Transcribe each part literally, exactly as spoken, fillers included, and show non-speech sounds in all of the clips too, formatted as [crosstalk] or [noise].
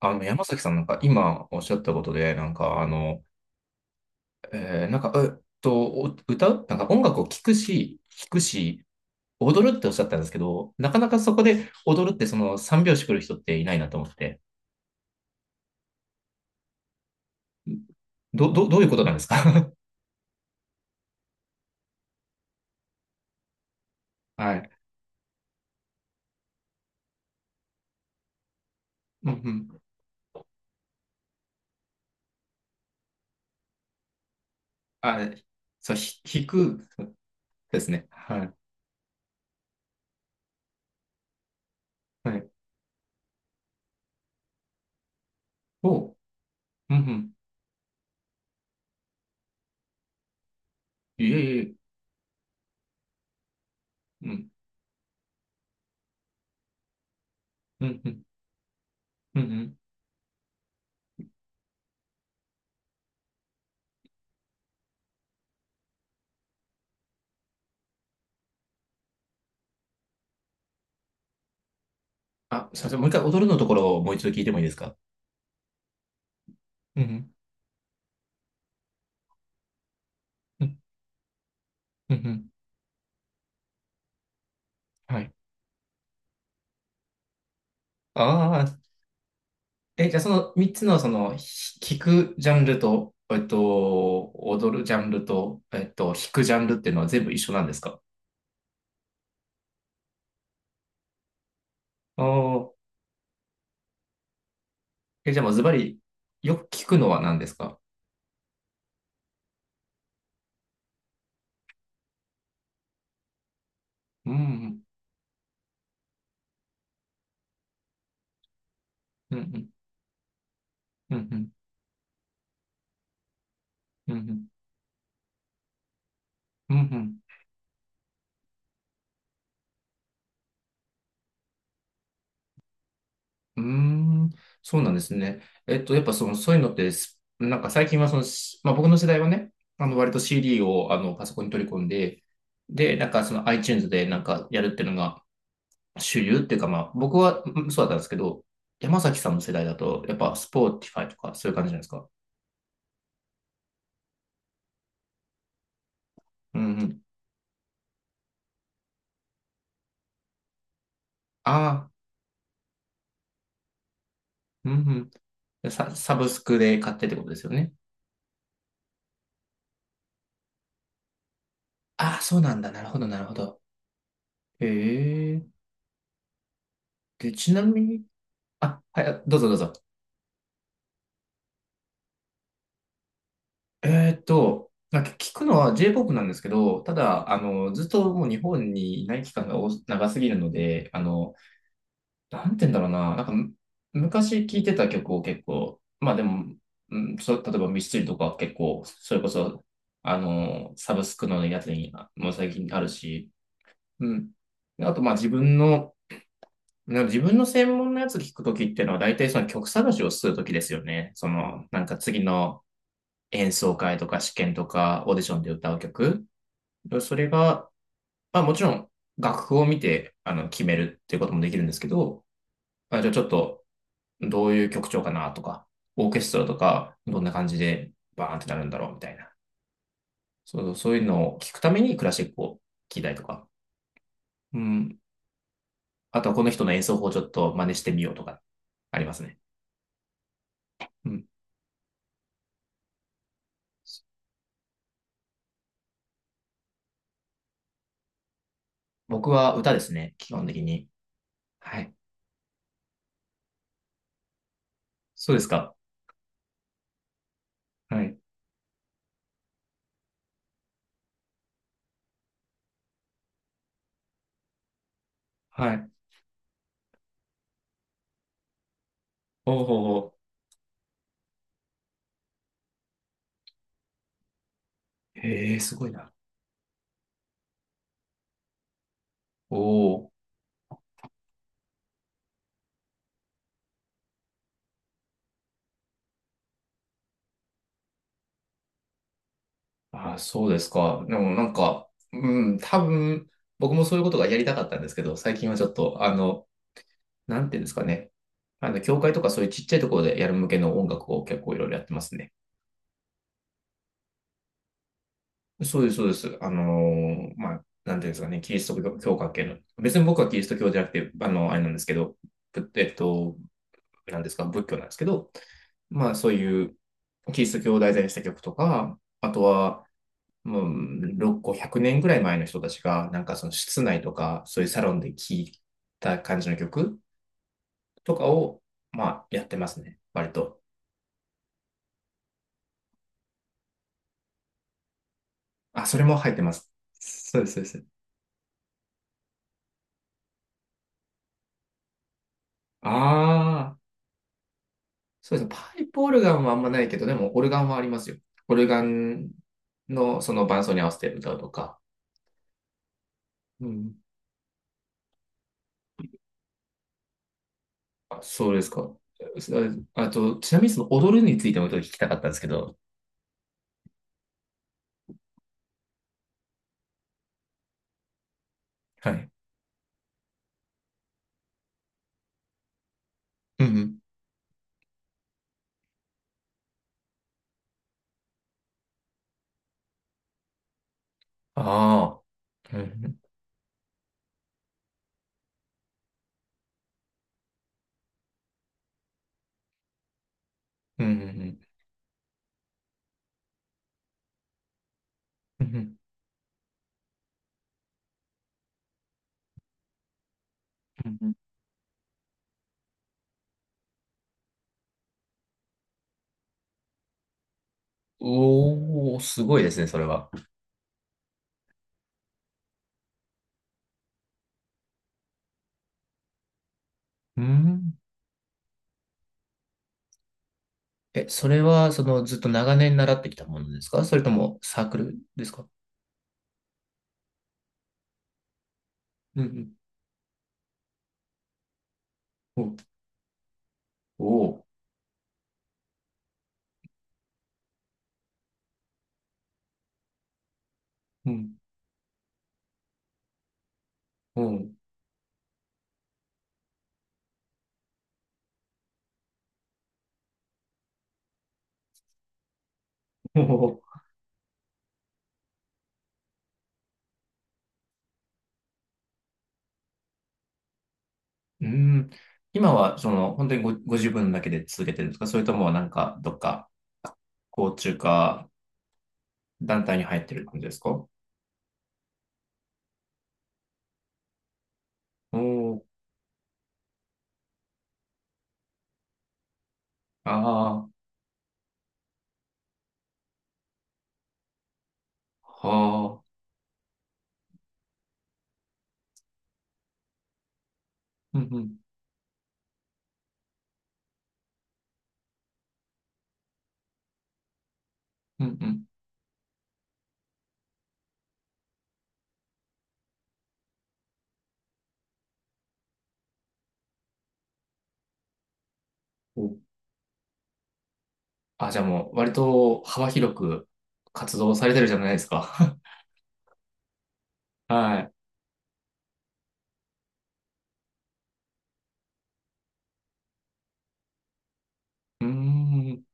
あの、山崎さんなんか今おっしゃったことで、なんかあの、えーなんか、えっと、お歌うなんか音楽を聴くし、聴くし、踊るっておっしゃったんですけど、なかなかそこで踊るってその三拍子来る人っていないなと思って。ど、ど、どういうことなんですか？ [laughs] はい。うんうん。あ、そう、ひ、弾くですね。はい。はい。おう。んうん。いえいえ。うん。うんうん。うんうん。あ、すいません。もう一回踊るのところをもう一度聞いてもいいですか？うんうん。うんうん。うん、はい。ああ、え、じゃあそのみっつのその、ひ聞くジャンルと、えっと、踊るジャンルと、えっと、弾くジャンルっていうのは全部一緒なんですか？ああー。え、じゃあもうズバリ、よく聞くのは何ですか？うん、うん、うん、うん、うん、うん、うん、うん、うーん、そうなんですね。えっと、やっぱその、そういうのってす、なんか最近はその、しまあ僕の世代はね、あの、割と シーディー をあの、パソコンに取り込んで、で、なんかその iTunes でなんかやるっていうのが、主流っていうか、まあ、僕はうん、そうだったんですけど、山崎さんの世代だと、やっぱ、スポーティファイとか、そういう感じじゃないですか。うんうん。ああ、うんうん、サ。サブスクで買ってってことですよね。ああ、そうなんだ。なるほど、なるほど。へえ。で、ちなみに、あ、はい、あ、どうぞどうぞ。えーっと、なんか聞くのは J-ポップ なんですけど、ただ、あの、ずっともう日本にいない期間が多長すぎるので、あの、なんて言うんだろうな。なんかむ、昔聴いてた曲を結構、まあでも、うん、そう、例えばミスチルとかは結構、それこそ、あの、サブスクのやつにあ、もう最近あるし、うん。であと、まあ自分の、な自分の専門のやつ聞くときっていうのは、大体その曲探しをするときですよね。その、なんか次の演奏会とか試験とかオーディションで歌う曲。でそれが、まあもちろん楽譜を見て、あの、決めるっていうこともできるんですけど、あ、じゃあちょっと、どういう曲調かなとか、オーケストラとか、どんな感じでバーンってなるんだろうみたいな。そう、そういうのを聞くためにクラシックを聴いたりとか。うん。あとはこの人の演奏法をちょっと真似してみようとか、ありますね。うん。僕は歌ですね、基本的に。はい。そうですか。はい。はい。おおお、へえ、すごいな。おお。ああ、そうですか。でもなんか、うん、多分、僕もそういうことがやりたかったんですけど、最近はちょっと、あの、なんていうんですかね。あの、教会とかそういうちっちゃいところでやる向けの音楽を結構いろいろやってますね。そうです、そうです。あのー、まあ、なんていうんですかね、キリスト教教会系の。別に僕はキリスト教じゃなくて、あの、あれなんですけど、ぶえっと、なんですか、仏教なんですけど、まあ、そういうキリスト教を題材にした曲とか、あとは、もう、ろっこ、ゼロ ゼロねんぐらい前の人たちが、なんかその室内とか、そういうサロンで聴いた感じの曲とかを、まあ、やってますね、割と。あ、それも入ってます。そうです、そうです。ああ、そうですね。パイプオルガンはあんまないけど、でもオルガンはありますよ。オルガンのその伴奏に合わせて歌うとか。うん。あ、そうですか。すああと、ちなみにその踊るについてもちょっと聞きたかったんですけど。はい。うんうん。ああ、うん、うん、うん、うん。うんうんうん、おおー、すごいですね、それは。うん。え、それは、その、ずっと長年習ってきたものですか？それともサークルですか？うんうん。おお、うん、うん、[laughs] おー、うん。今は、その、本当にご、ご自分だけで続けてるんですか？それとも、なんか、どっか、校中か、団体に入ってる感じですか？おおー、ああ、はあ、うん、うん、うん、うん。お、あ、じゃあもう、割と幅広く活動されてるじゃないですか。[laughs] はい。うーん。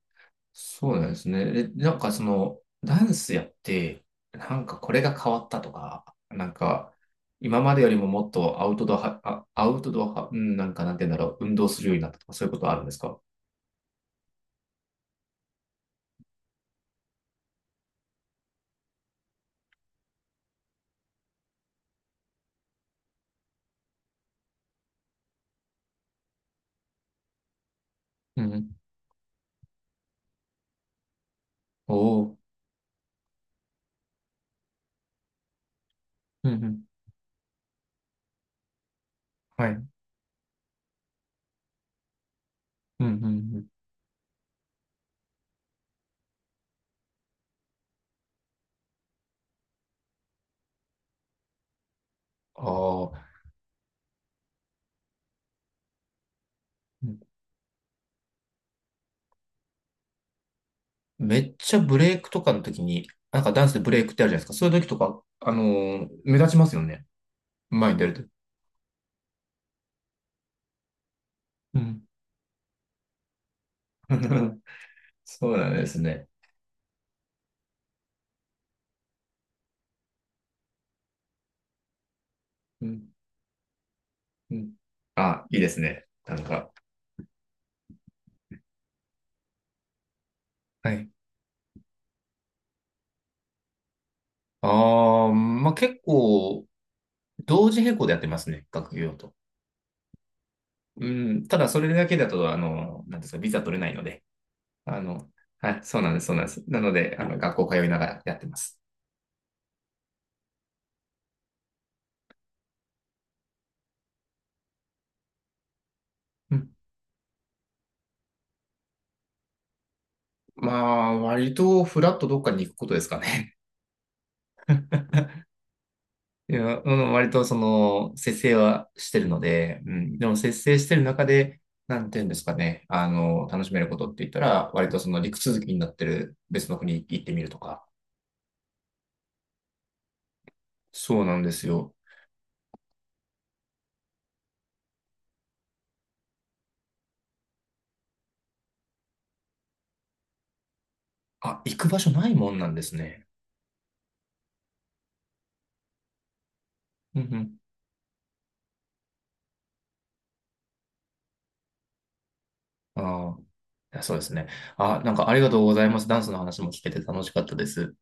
そうなんですね。え、なんかその、ダンスやって、なんかこれが変わったとか、なんか、今までよりももっとアウトドアは、あ、アウトドア派、うん、なんかなんて言うんだろう、運動するようになったとか、そういうことはあるんですか？うん。おおー、うんうん。はい。うんうんうん、ああ、めっちゃブレイクとかの時に、なんかダンスでブレイクってあるじゃないですか。そういう時とか、あのー目立ちますよね。前に出ると。うん。 [laughs] そうなんですね。うん、うん。あ、いいですね。なんか。はい。ああ、まあ、結構、同時並行でやってますね、学業と。うん、ただ、それだけだと、あの、なんですか、ビザ取れないので、あの、はい、そうなんです、そうなんです。なので、あの、学校通いながらやってます。うん。まあ、割と、フラットどっかに行くことですかね。[laughs] いや、うん、割と、その、節制はしてるので、うん、でも、節制してる中で、なんていうんですかね、あの、楽しめることって言ったら、割とその陸続きになってる別の国行ってみるとか。そうなんですよ。あ、行く場所ないもんなんですね。うんうん。ああ、いや、そうですね。あ、なんかありがとうございます。ダンスの話も聞けて楽しかったです。